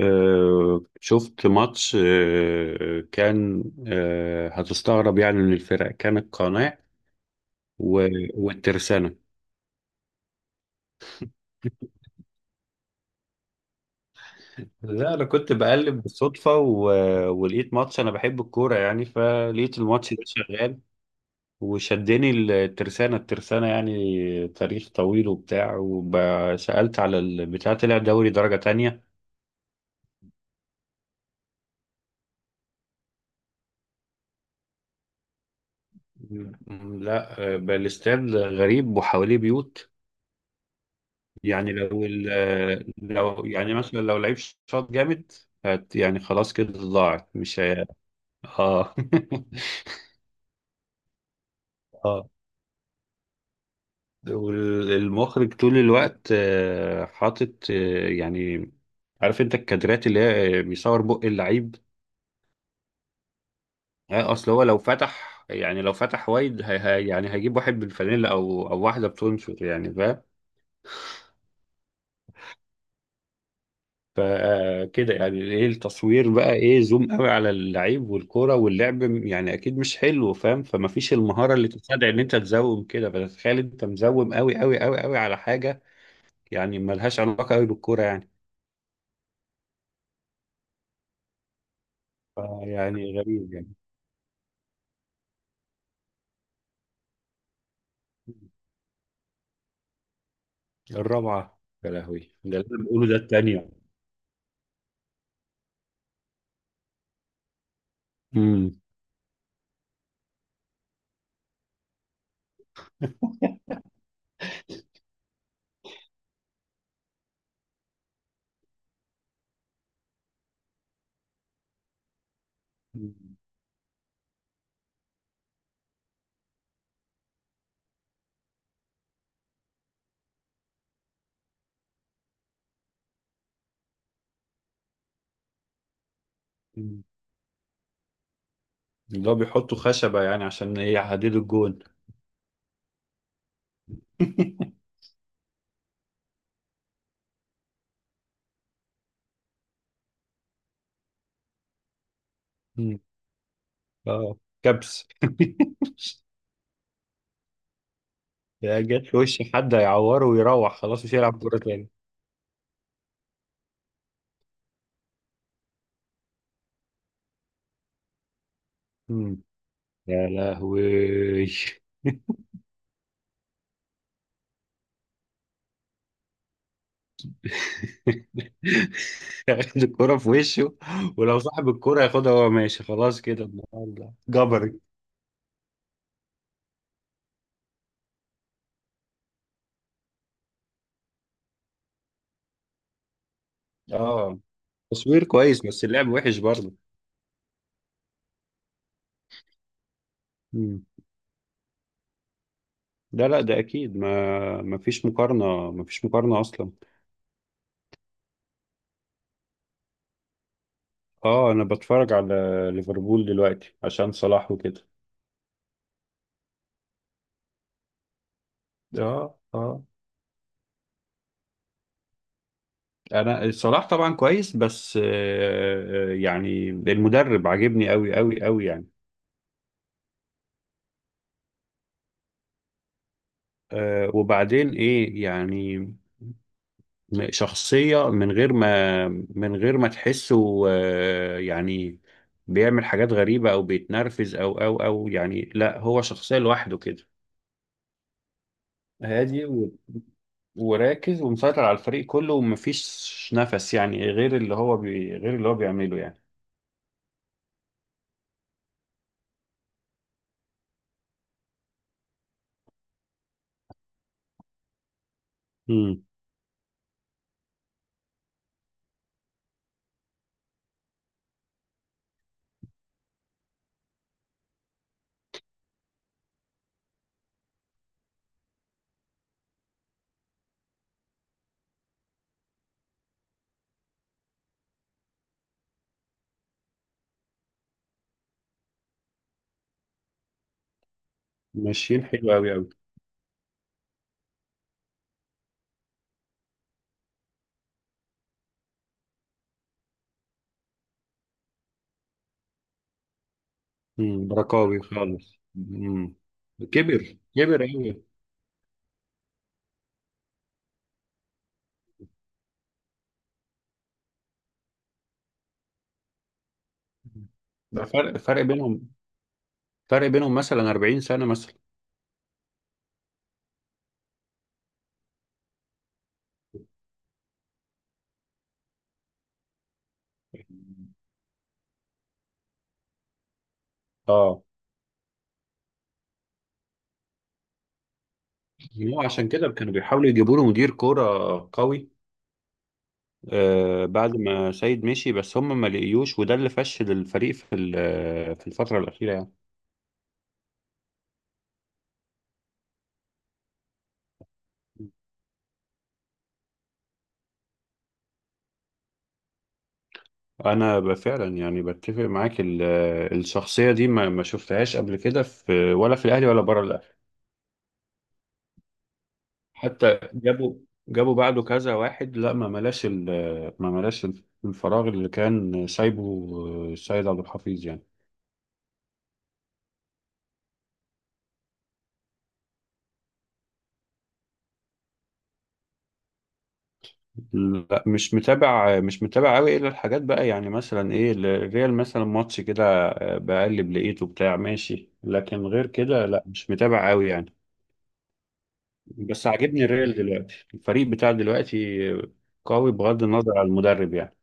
شفت ماتش آه، كان آه، هتستغرب يعني من الفرق، كان القناع والترسانة. لا انا كنت بقلب بالصدفة ولقيت ماتش، انا بحب الكورة يعني فلقيت الماتش ده شغال وشدني. الترسانة يعني تاريخ طويل وبتاع، وسألت على البتاع طلع دوري درجة تانية. لا، بقى الاستاد غريب وحواليه بيوت. يعني لو يعني مثلا لو لعيب شاط جامد يعني خلاص كده ضاعت مش هي. اه. اه. والمخرج طول الوقت حاطط، يعني عارف انت الكادرات اللي هي، بيصور بق اللعيب. اصل هو لو فتح وايد هي يعني هيجيب واحد بالفانيلا او واحده بتنشر، يعني فاهم. فكده يعني ايه التصوير بقى، ايه زوم قوي على اللعيب والكرة واللعب، يعني اكيد مش حلو فاهم، فمفيش المهارة اللي تساعد ان انت تزوم كده. فتخيل انت مزوم قوي قوي قوي قوي على حاجة يعني ملهاش علاقة قوي بالكرة يعني. يعني غريب يعني. الرابعة؟ يا لهوي، ده اللي أنا بقوله ده التانية. امم اللي هو بيحطوا خشبة يعني عشان ايه يحددوا الجون. مم. اه. كبس. يا جت في وشي حد، هيعوره ويروح خلاص مش هيلعب كورة تاني. مم. يا لهوي. ياخد الكورة في وشه، ولو صاحب الكورة ياخدها وهو ماشي، خلاص كده النهارده جبري. اه، تصوير كويس بس اللعب وحش برضه. مم. لا لا، ده اكيد ما فيش مقارنة، ما فيش مقارنة اصلا. اه، انا بتفرج على ليفربول دلوقتي عشان صلاح وكده. اه اه. انا الصلاح طبعا كويس بس، يعني المدرب عاجبني قوي قوي قوي يعني. وبعدين ايه يعني، شخصية من غير ما تحسه يعني بيعمل حاجات غريبة او بيتنرفز او يعني. لا هو شخصية لوحده كده، هادي وراكز ومسيطر على الفريق كله، ومفيش نفس يعني غير اللي هو بيعمله يعني. امم ماشيين حلو قوي قوي. مم. رقاوي خالص. مم. كبر كبر أوي. ده فرق بينهم مثلا 40 سنة مثلا. اه، هو عشان كده كانوا بيحاولوا يجيبوا له مدير كورة قوي بعد ما سيد مشي، بس هم ما لقيوش، وده اللي فشل الفريق في الفترة الأخيرة يعني. أنا فعلا يعني بتفق معاك، الشخصية دي ما شفتهاش قبل كده في ولا في الأهلي ولا بره. حتى جابوا بعده كذا واحد، لا ما ملاش الفراغ اللي كان سايبه السيد عبد الحفيظ يعني. لا مش متابع، مش متابع قوي، الا الحاجات بقى، يعني مثلا ايه، الريال مثلا ماتش كده بقلب لقيته بتاع ماشي، لكن غير كده لا مش متابع قوي يعني. بس عاجبني الريال دلوقتي، الفريق بتاع دلوقتي قوي بغض النظر عن المدرب يعني.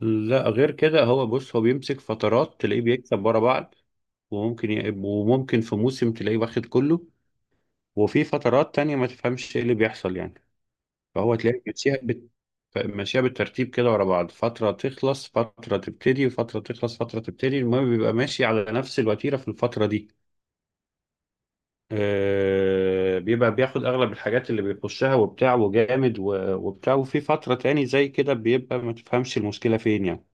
لا غير كده، هو بيمسك فترات تلاقيه بيكسب ورا بعض، وممكن في موسم تلاقيه واخد كله، وفي فترات تانية ما تفهمش ايه اللي بيحصل يعني. فهو تلاقي ماشيها بالترتيب كده ورا بعض، فترة تخلص فترة تبتدي، فترة تخلص فترة تبتدي، المهم بيبقى ماشي على نفس الوتيرة في الفترة دي. بيبقى بياخد أغلب الحاجات اللي بيخشها وبتاع وجامد، و... وبتاع وفي فترة تاني زي كده بيبقى ما تفهمش المشكلة فين يعني.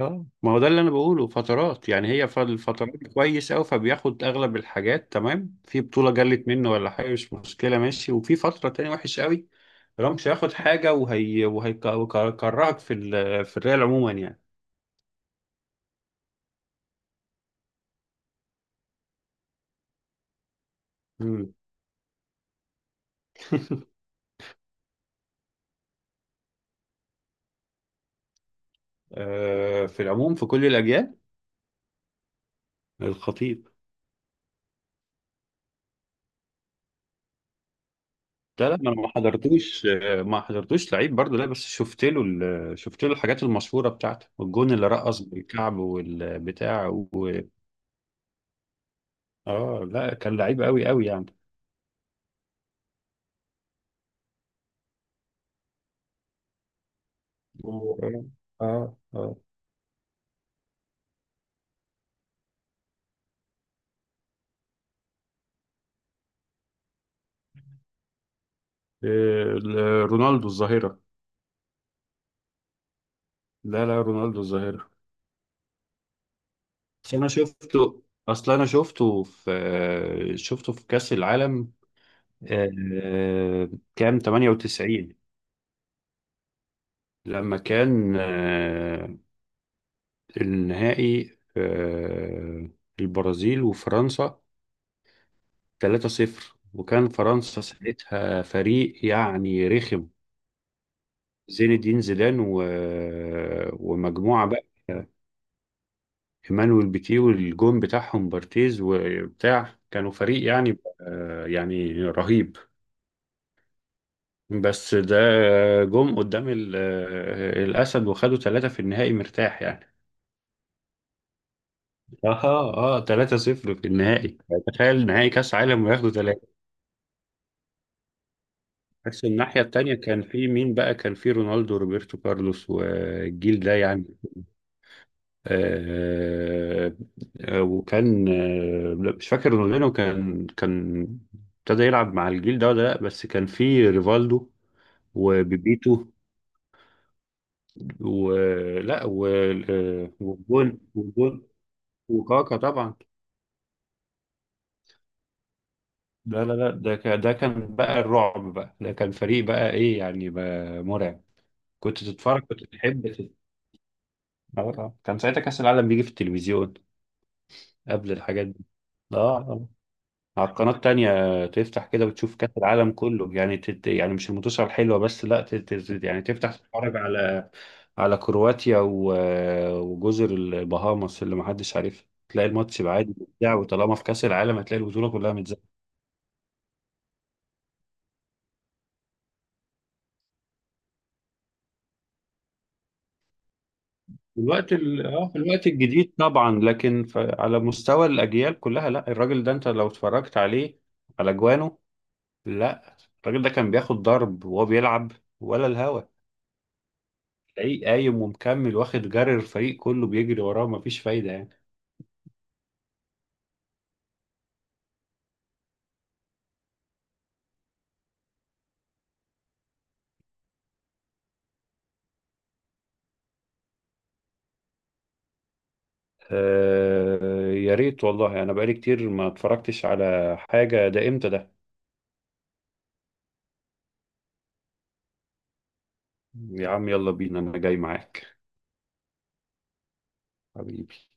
اه، ما هو ده اللي انا بقوله فترات يعني، هي فالفترات كويس قوي فبياخد اغلب الحاجات تمام، في بطولة جلت منه ولا حاجة مش مشكلة ماشي، وفي فترة تانية وحش قوي. رامش هياخد حاجة، وهيكرهك في الريال عموما يعني. مم. في العموم في كل الاجيال، الخطيب. لا لا، ما أنا ما حضرتوش آه، ما حضرتوش لعيب برضه، لا بس شفت له الحاجات المشهورة بتاعته والجون اللي رقص بالكعب والبتاع، و... اه لا كان لعيب قوي قوي يعني. اه اه. آه. إيه، ال- رونالدو الظاهرة. لا لا، رونالدو الظاهرة. اصل انا شفته اصل انا شفته في شفته في كأس العالم، آه، كام 98 لما كان النهائي، البرازيل وفرنسا 3-0. وكان فرنسا ساعتها فريق يعني رخم، زين الدين زيدان ومجموعة بقى، ايمانويل بيتيه، والجون بتاعهم بارتيز وبتاع، كانوا فريق يعني يعني رهيب. بس ده جم قدام الأسد، وخدوا ثلاثة في النهائي مرتاح يعني. اه اه، 3-0 في النهائي، تخيل نهائي كأس عالم وياخدوا ثلاثة. بس الناحية التانية كان في مين بقى، كان في رونالدو وروبرتو كارلوس والجيل ده يعني. آه، آه، وكان آه، لا، مش فاكر رونالدينو كان ابتدى يلعب مع الجيل ده ولا لا، بس كان في ريفالدو وبيبيتو، ولا وجون، وكاكا طبعا. لا لا لا، ده كان بقى الرعب بقى، ده كان فريق بقى، ايه يعني بقى مرعب. كنت تحب كان ساعتها كأس العالم بيجي في التلفزيون قبل الحاجات دي. اه، على القناة التانية تفتح كده وتشوف كأس العالم كله يعني، يعني مش المنتصف الحلوة بس، لا يعني تفتح تتفرج على على كرواتيا وجزر البهاماس اللي محدش عارفها، تلاقي الماتش يبقى عادي متذاع، وطالما في كأس العالم هتلاقي البطولة كلها متذاعة. في الوقت الجديد طبعا، لكن على مستوى الأجيال كلها، لا الراجل ده انت لو اتفرجت عليه على جوانه، لا الراجل ده كان بياخد ضرب وهو بيلعب ولا الهوا، تلاقيه قايم ومكمل واخد جري، الفريق كله بيجري وراه مفيش فايدة يعني. يا ريت والله، انا بقالي كتير ما اتفرجتش على حاجة، ده امتى ده؟ يا عم يلا بينا، انا جاي معاك حبيبي.